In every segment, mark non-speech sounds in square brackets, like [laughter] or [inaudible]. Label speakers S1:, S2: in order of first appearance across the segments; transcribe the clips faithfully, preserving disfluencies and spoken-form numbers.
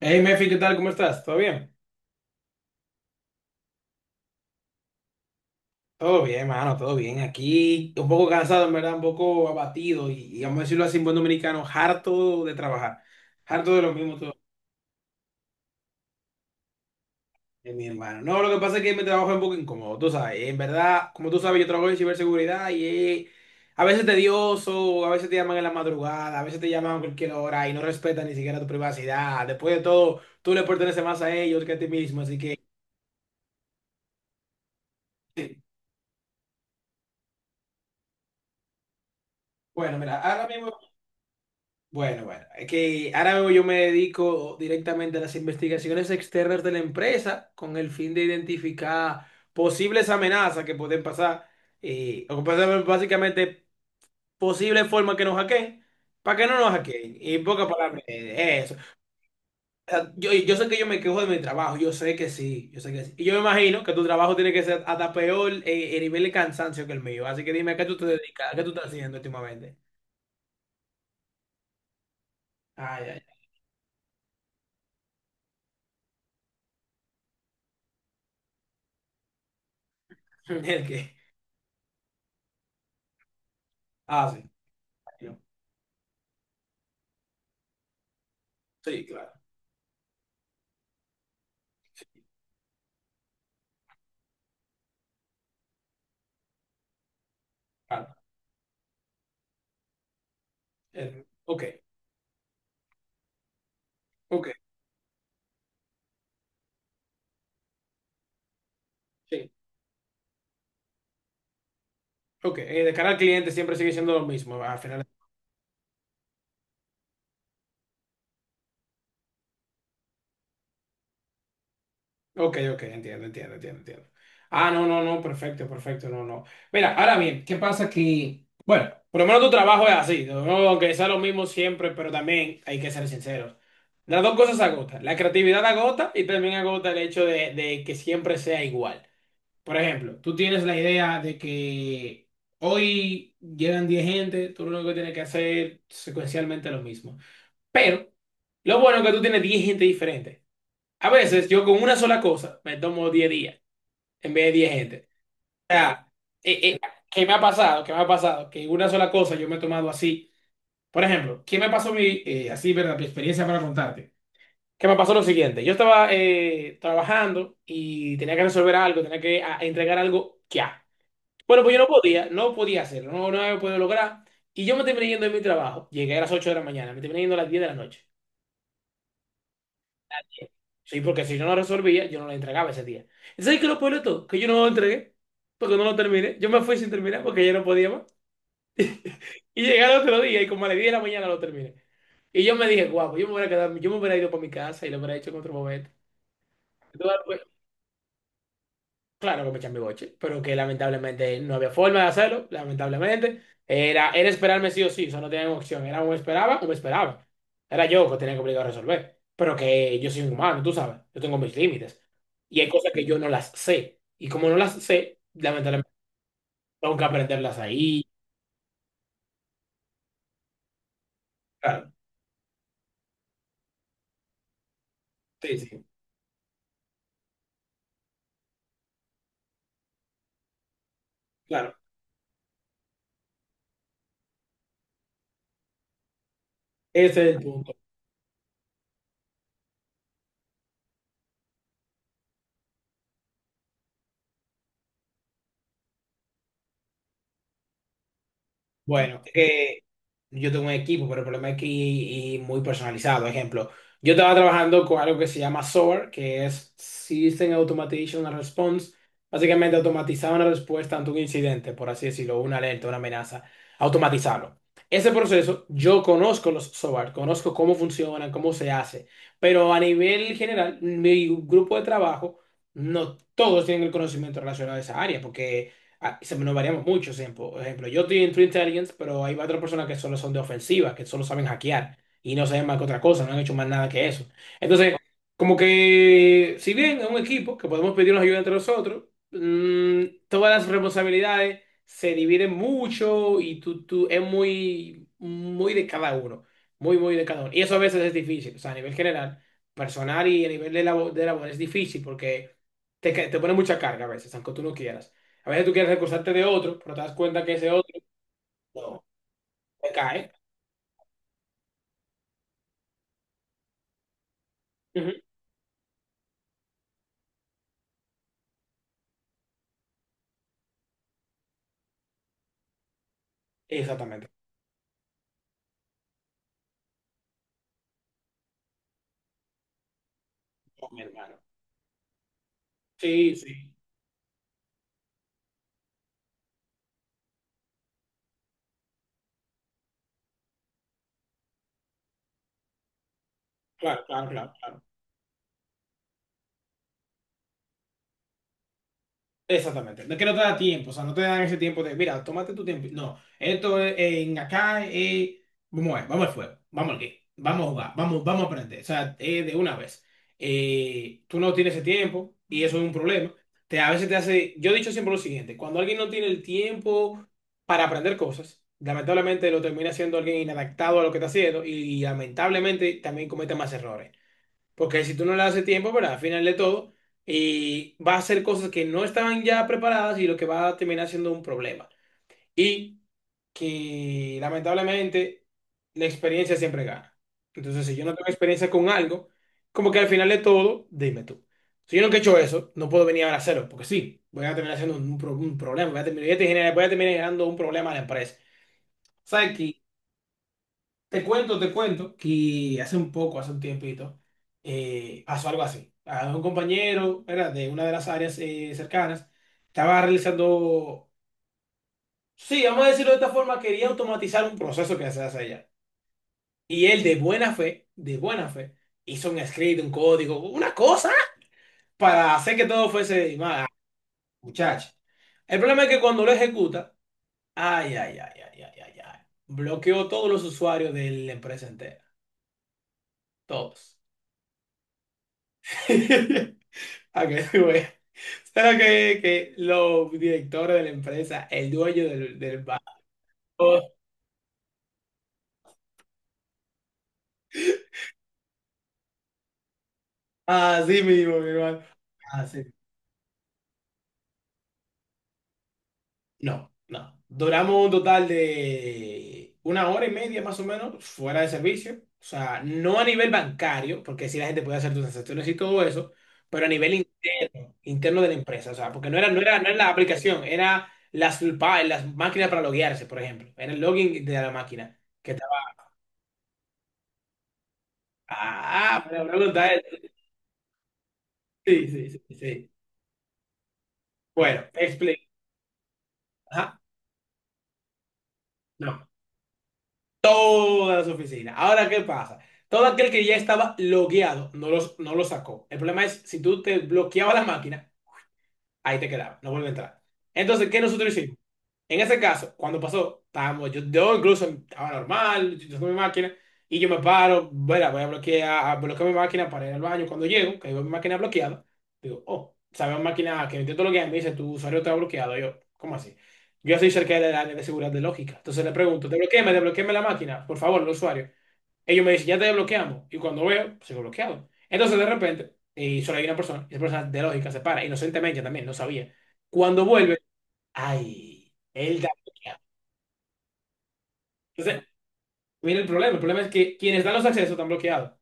S1: Hey, Mefi, ¿qué tal? ¿Cómo estás? ¿Todo bien? Todo bien, mano, todo bien. Aquí un poco cansado, en verdad, un poco abatido y, y vamos a decirlo así en buen dominicano, harto de trabajar, harto de lo mismo todo, eh, mi hermano. No, lo que pasa es que mi trabajo es un poco incómodo, tú sabes. En verdad, como tú sabes, yo trabajo en ciberseguridad y eh, a veces tedioso, a veces te llaman en la madrugada, a veces te llaman a cualquier hora y no respetan ni siquiera tu privacidad. Después de todo, tú le perteneces más a ellos que a ti mismo, así que... eh, Bueno, mira, ahora mismo. Bueno, bueno, es que ahora yo me dedico directamente a las investigaciones externas de la empresa con el fin de identificar posibles amenazas que pueden pasar, eh, o que pueden ser básicamente posibles formas que nos hackeen, para que no nos hackeen. Y en pocas palabras, eh, eso. O sea, yo, yo sé que yo me quejo de mi trabajo, yo sé que sí, yo sé que sí. Y yo me imagino que tu trabajo tiene que ser hasta peor eh, el nivel de cansancio que el mío. Así que dime, ¿a qué tú te dedicas? ¿A qué tú estás haciendo últimamente? Ay, ay, ay. [laughs] ¿El qué? Ah, sí. Sí, claro, claro. Eh, ok, ok, sí. Ok, eh, de cara al cliente siempre sigue siendo lo mismo. Al final. Ok, ok, entiendo, entiendo, entiendo, entiendo. Ah, no, no, no, perfecto, perfecto, no, no. Mira, ahora bien, ¿qué pasa que, bueno, por lo menos tu trabajo es así, ¿no? No, aunque sea lo mismo siempre, pero también hay que ser sinceros. Las dos cosas agotan. La creatividad agota y también agota el hecho de, de que siempre sea igual. Por ejemplo, tú tienes la idea de que hoy llegan diez gente, tú lo único que tienes que hacer secuencialmente lo mismo. Pero lo bueno es que tú tienes diez gente diferente. A veces yo con una sola cosa me tomo diez días en vez de diez gente. O sea, eh, eh, ¿qué me ha pasado? ¿Qué me ha pasado? Que una sola cosa yo me he tomado así. Por ejemplo, ¿qué me pasó mi, eh, así, verdad, mi experiencia para contarte? ¿Qué me pasó lo siguiente? Yo estaba eh, trabajando y tenía que resolver algo, tenía que ah, entregar algo ya. Bueno, pues yo no podía, no podía hacerlo, no, no había podido lograr. Y yo me terminé yendo de mi trabajo. Llegué a las ocho de la mañana, me terminé yendo a las diez de la noche. Sí, porque si yo no resolvía, yo no la entregaba ese día. ¿Y sabes qué es lo peor de todo? Que yo no lo entregué, porque no lo terminé. Yo me fui sin terminar, porque ya no podía más. Y llegué al otro día, y como a las diez de la mañana lo terminé. Y yo me dije, guau, pues yo me hubiera quedado, yo me hubiera ido para mi casa y lo hubiera hecho en otro momento. Claro que me eché mi boche, pero que lamentablemente no había forma de hacerlo, lamentablemente. Era, era esperarme sí o sí, o sea, no tenía opción. Era o me esperaba o me esperaba. Era yo que tenía que obligar a resolver. Pero que yo soy un humano, tú sabes, yo tengo mis límites. Y hay cosas que yo no las sé. Y como no las sé, lamentablemente tengo que aprenderlas ahí. Claro, sí, sí, claro. Ese es el punto. Bueno, eh, yo tengo un equipo, pero el problema es que y, y muy personalizado. Ejemplo, yo estaba trabajando con algo que se llama SOAR, que es System Automation and Response. Básicamente automatizar una respuesta ante un incidente, por así decirlo, una alerta, una amenaza, automatizarlo. Ese proceso, yo conozco los SOAR, conozco cómo funcionan, cómo se hace, pero a nivel general, mi grupo de trabajo, no todos tienen el conocimiento relacionado a esa área, porque ah, se- nos variamos mucho. Ejemplo. Por ejemplo, yo estoy en True Intelligence, pero hay otras personas que solo son de ofensiva, que solo saben hackear y no saben más que otra cosa, no han hecho más nada que eso. Entonces, como que, si bien es un equipo que podemos pedirnos ayuda entre nosotros, mm, todas las responsabilidades se dividen mucho y tú, tú, es muy, muy de cada uno. Muy, muy de cada uno. Y eso a veces es difícil, o sea, a nivel general, personal y a nivel de labor, de labor es difícil porque te, ca- te pone mucha carga a veces, aunque tú no quieras. A veces tú quieres recusarte de otro, pero te das cuenta que ese otro no, te cae. Ujú. Exactamente. No, mi hermano. Sí, sí. Claro, claro, claro, claro. Exactamente, no es que no te da tiempo, o sea, no te dan ese tiempo de, mira, tómate tu tiempo. No, esto es en acá, eh, vamos a ver, vamos al fuego, vamos al game, vamos a jugar, vamos, vamos a aprender, o sea, eh, de una vez. Eh, tú no tienes ese tiempo y eso es un problema. Te, a veces te hace, yo he dicho siempre lo siguiente, cuando alguien no tiene el tiempo para aprender cosas, lamentablemente lo termina siendo alguien inadaptado a lo que está haciendo y, lamentablemente también comete más errores. Porque si tú no le das el tiempo, ¿verdad? Al final de todo, y va a hacer cosas que no estaban ya preparadas y lo que va a terminar siendo un problema. Y que lamentablemente la experiencia siempre gana. Entonces, si yo no tengo experiencia con algo, como que al final de todo, dime tú. Si yo nunca he hecho eso, no puedo venir ahora a hacerlo, porque sí, voy a terminar haciendo un, pro- un problema, voy a terminar, voy a terminar voy a terminar generando un problema a la empresa. ¿Sabes? Te cuento, te cuento que hace un poco, hace un tiempito, eh, pasó algo así. A un compañero, era de una de las áreas eh, cercanas, estaba realizando, sí, vamos a decirlo de esta forma, quería automatizar un proceso que se hace allá. Y él de buena fe, de buena fe, hizo un script, un código, una cosa para hacer que todo fuese más, muchacho. El problema es que cuando lo ejecuta, ay, ay, ay, ay, ay, ay, ay, bloqueó todos los usuarios de la empresa entera, todos. [laughs] A que tú veas. Solo [laughs] que, que los directores de la empresa, el dueño del, del banco, así mismo, mi hermano. Así. No, no. Duramos un total de una hora y media más o menos fuera de servicio. O sea, no a nivel bancario, porque sí la gente puede hacer sus transacciones y todo eso, pero a nivel interno, interno de la empresa. O sea, porque no era, no era, no era la aplicación, era las, pa- las máquinas para loguearse, por ejemplo. Era el login de la máquina que estaba Ah, me pregunta. Sí, sí, sí, sí. Bueno, explica. Ajá, no. Todas las oficinas. Ahora, ¿qué pasa? Todo aquel que ya estaba logueado no los, no lo sacó. El problema es, si tú te bloqueabas la máquina, ahí te quedaba, no vuelve a entrar. Entonces, ¿qué nosotros hicimos? En ese caso, cuando pasó, estábamos, yo, yo incluso estaba normal, yo tengo mi máquina, y yo me paro, bueno, voy a bloquear, a bloquear mi máquina para ir al baño. Cuando llego, que veo mi máquina bloqueada, digo, oh, sabes máquina que intento bloquear, me dice, tu usuario está bloqueado. Yo, ¿cómo así? Yo soy cerca del área de seguridad de lógica. Entonces le pregunto, desbloquéame, desbloquéame la máquina, por favor, el usuario. Ellos me dicen, ya te desbloqueamos. Y cuando veo, pues, sigo bloqueado. Entonces de repente, y solo hay una persona, y esa persona de lógica se para, inocentemente también, no sabía. Cuando vuelve, Ay, él da bloqueado. Entonces, mira el problema. El problema es que quienes dan los accesos están bloqueados.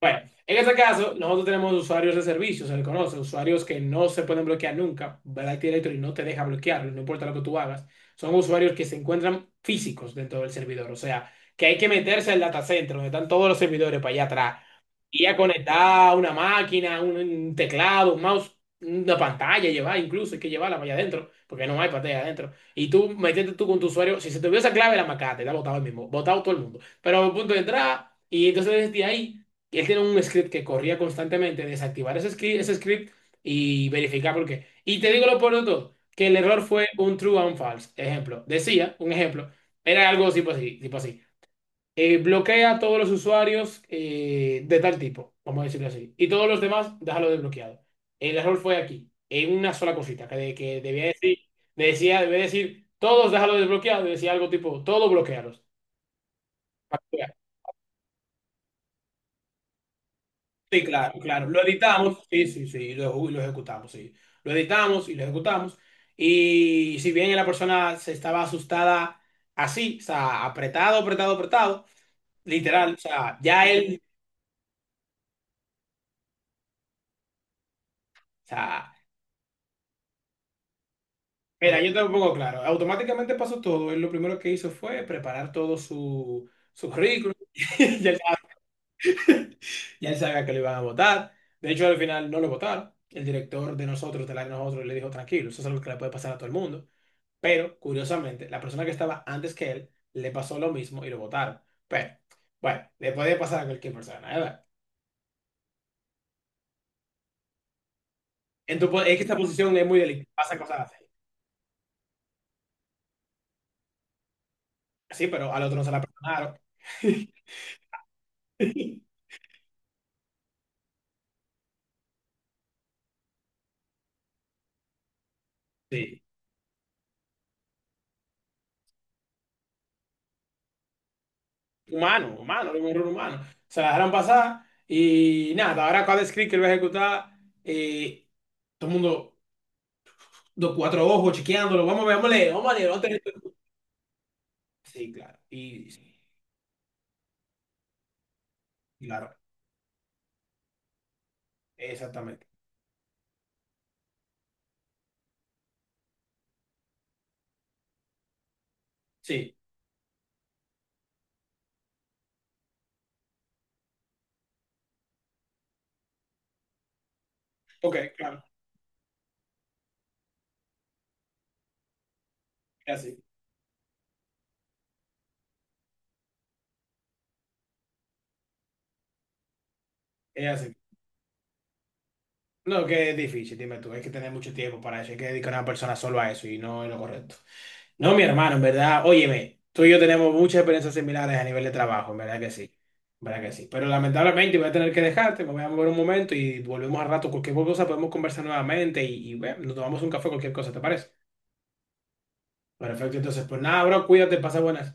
S1: Bueno, en este caso, nosotros tenemos usuarios de servicio, se le conoce, usuarios que no se pueden bloquear nunca. Black Directory no te deja bloquearlos, no importa lo que tú hagas. Son usuarios que se encuentran físicos dentro del servidor. O sea, que hay que meterse al data center donde están todos los servidores para allá atrás. Y a conectar una máquina, un, un teclado, un mouse, una pantalla, llevar incluso, hay que llevarla para allá adentro, porque no hay pantalla adentro. Y tú metiste tú con tu usuario, si se te olvidó esa clave, la macate, la botaba el mismo, botado todo el mundo. Pero a punto de entrada, y entonces desde ahí, él tiene un script que corría constantemente, desactivar ese script, ese script y verificar por qué. Y te digo lo por de todo, que el error fue un true and false. Ejemplo, decía, un ejemplo, era algo tipo así, tipo así eh, bloquea a todos los usuarios eh, de tal tipo, vamos a decirlo así. Y todos los demás, déjalo desbloqueado. El error fue aquí, en una sola cosita, que, de- que debía decir, decía, debía decir, todos déjalo desbloqueado, y decía algo tipo, todos bloqueados. Sí, claro, claro. Lo editamos, sí, sí, sí, lo, eju- lo ejecutamos, sí. Lo editamos y lo ejecutamos. Y si bien la persona se estaba asustada así, o sea, apretado, apretado, apretado, literal, o sea, ya él, o sea. Mira, yo tampoco, claro. Automáticamente pasó todo. Él lo primero que hizo fue preparar todo su, su currículum. [laughs] Ya él, ya él sabía que lo iban a votar. De hecho, al final no lo votaron. El director de nosotros, del área de nosotros, le dijo, tranquilo, eso es algo que le puede pasar a todo el mundo. Pero, curiosamente, la persona que estaba antes que él le pasó lo mismo y lo votaron. Pero, bueno, le puede pasar a cualquier persona, ¿eh? ¿Verdad? En tu po- es que esta posición es muy delicada, pasan cosas así. Sí, pero al otro no se la perdonaron. [laughs] Sí, humano, humano, era un error humano. Se la dejaron pasar y nada, ahora cada script que él va a ejecutar, eh, todo el mundo, dos, cuatro ojos, chequeándolo, vamos a ver, vamos a leer, vamos a leer, vamos a leer. Sí, claro, y sí, claro, exactamente. Sí, ok, claro, es así, es así. No, que es difícil, dime tú, hay que tener mucho tiempo para eso, hay que dedicar a una persona solo a eso y no es lo correcto. No, mi hermano, en verdad, óyeme, tú y yo tenemos muchas experiencias similares a nivel de trabajo, en verdad que sí, en verdad que sí. Pero lamentablemente voy a tener que dejarte, me voy a mover un momento y volvemos al rato. Cualquier cosa podemos conversar nuevamente y, y bueno, nos tomamos un café, cualquier cosa, ¿te parece? Perfecto, entonces, pues nada, bro, cuídate, pasa buenas.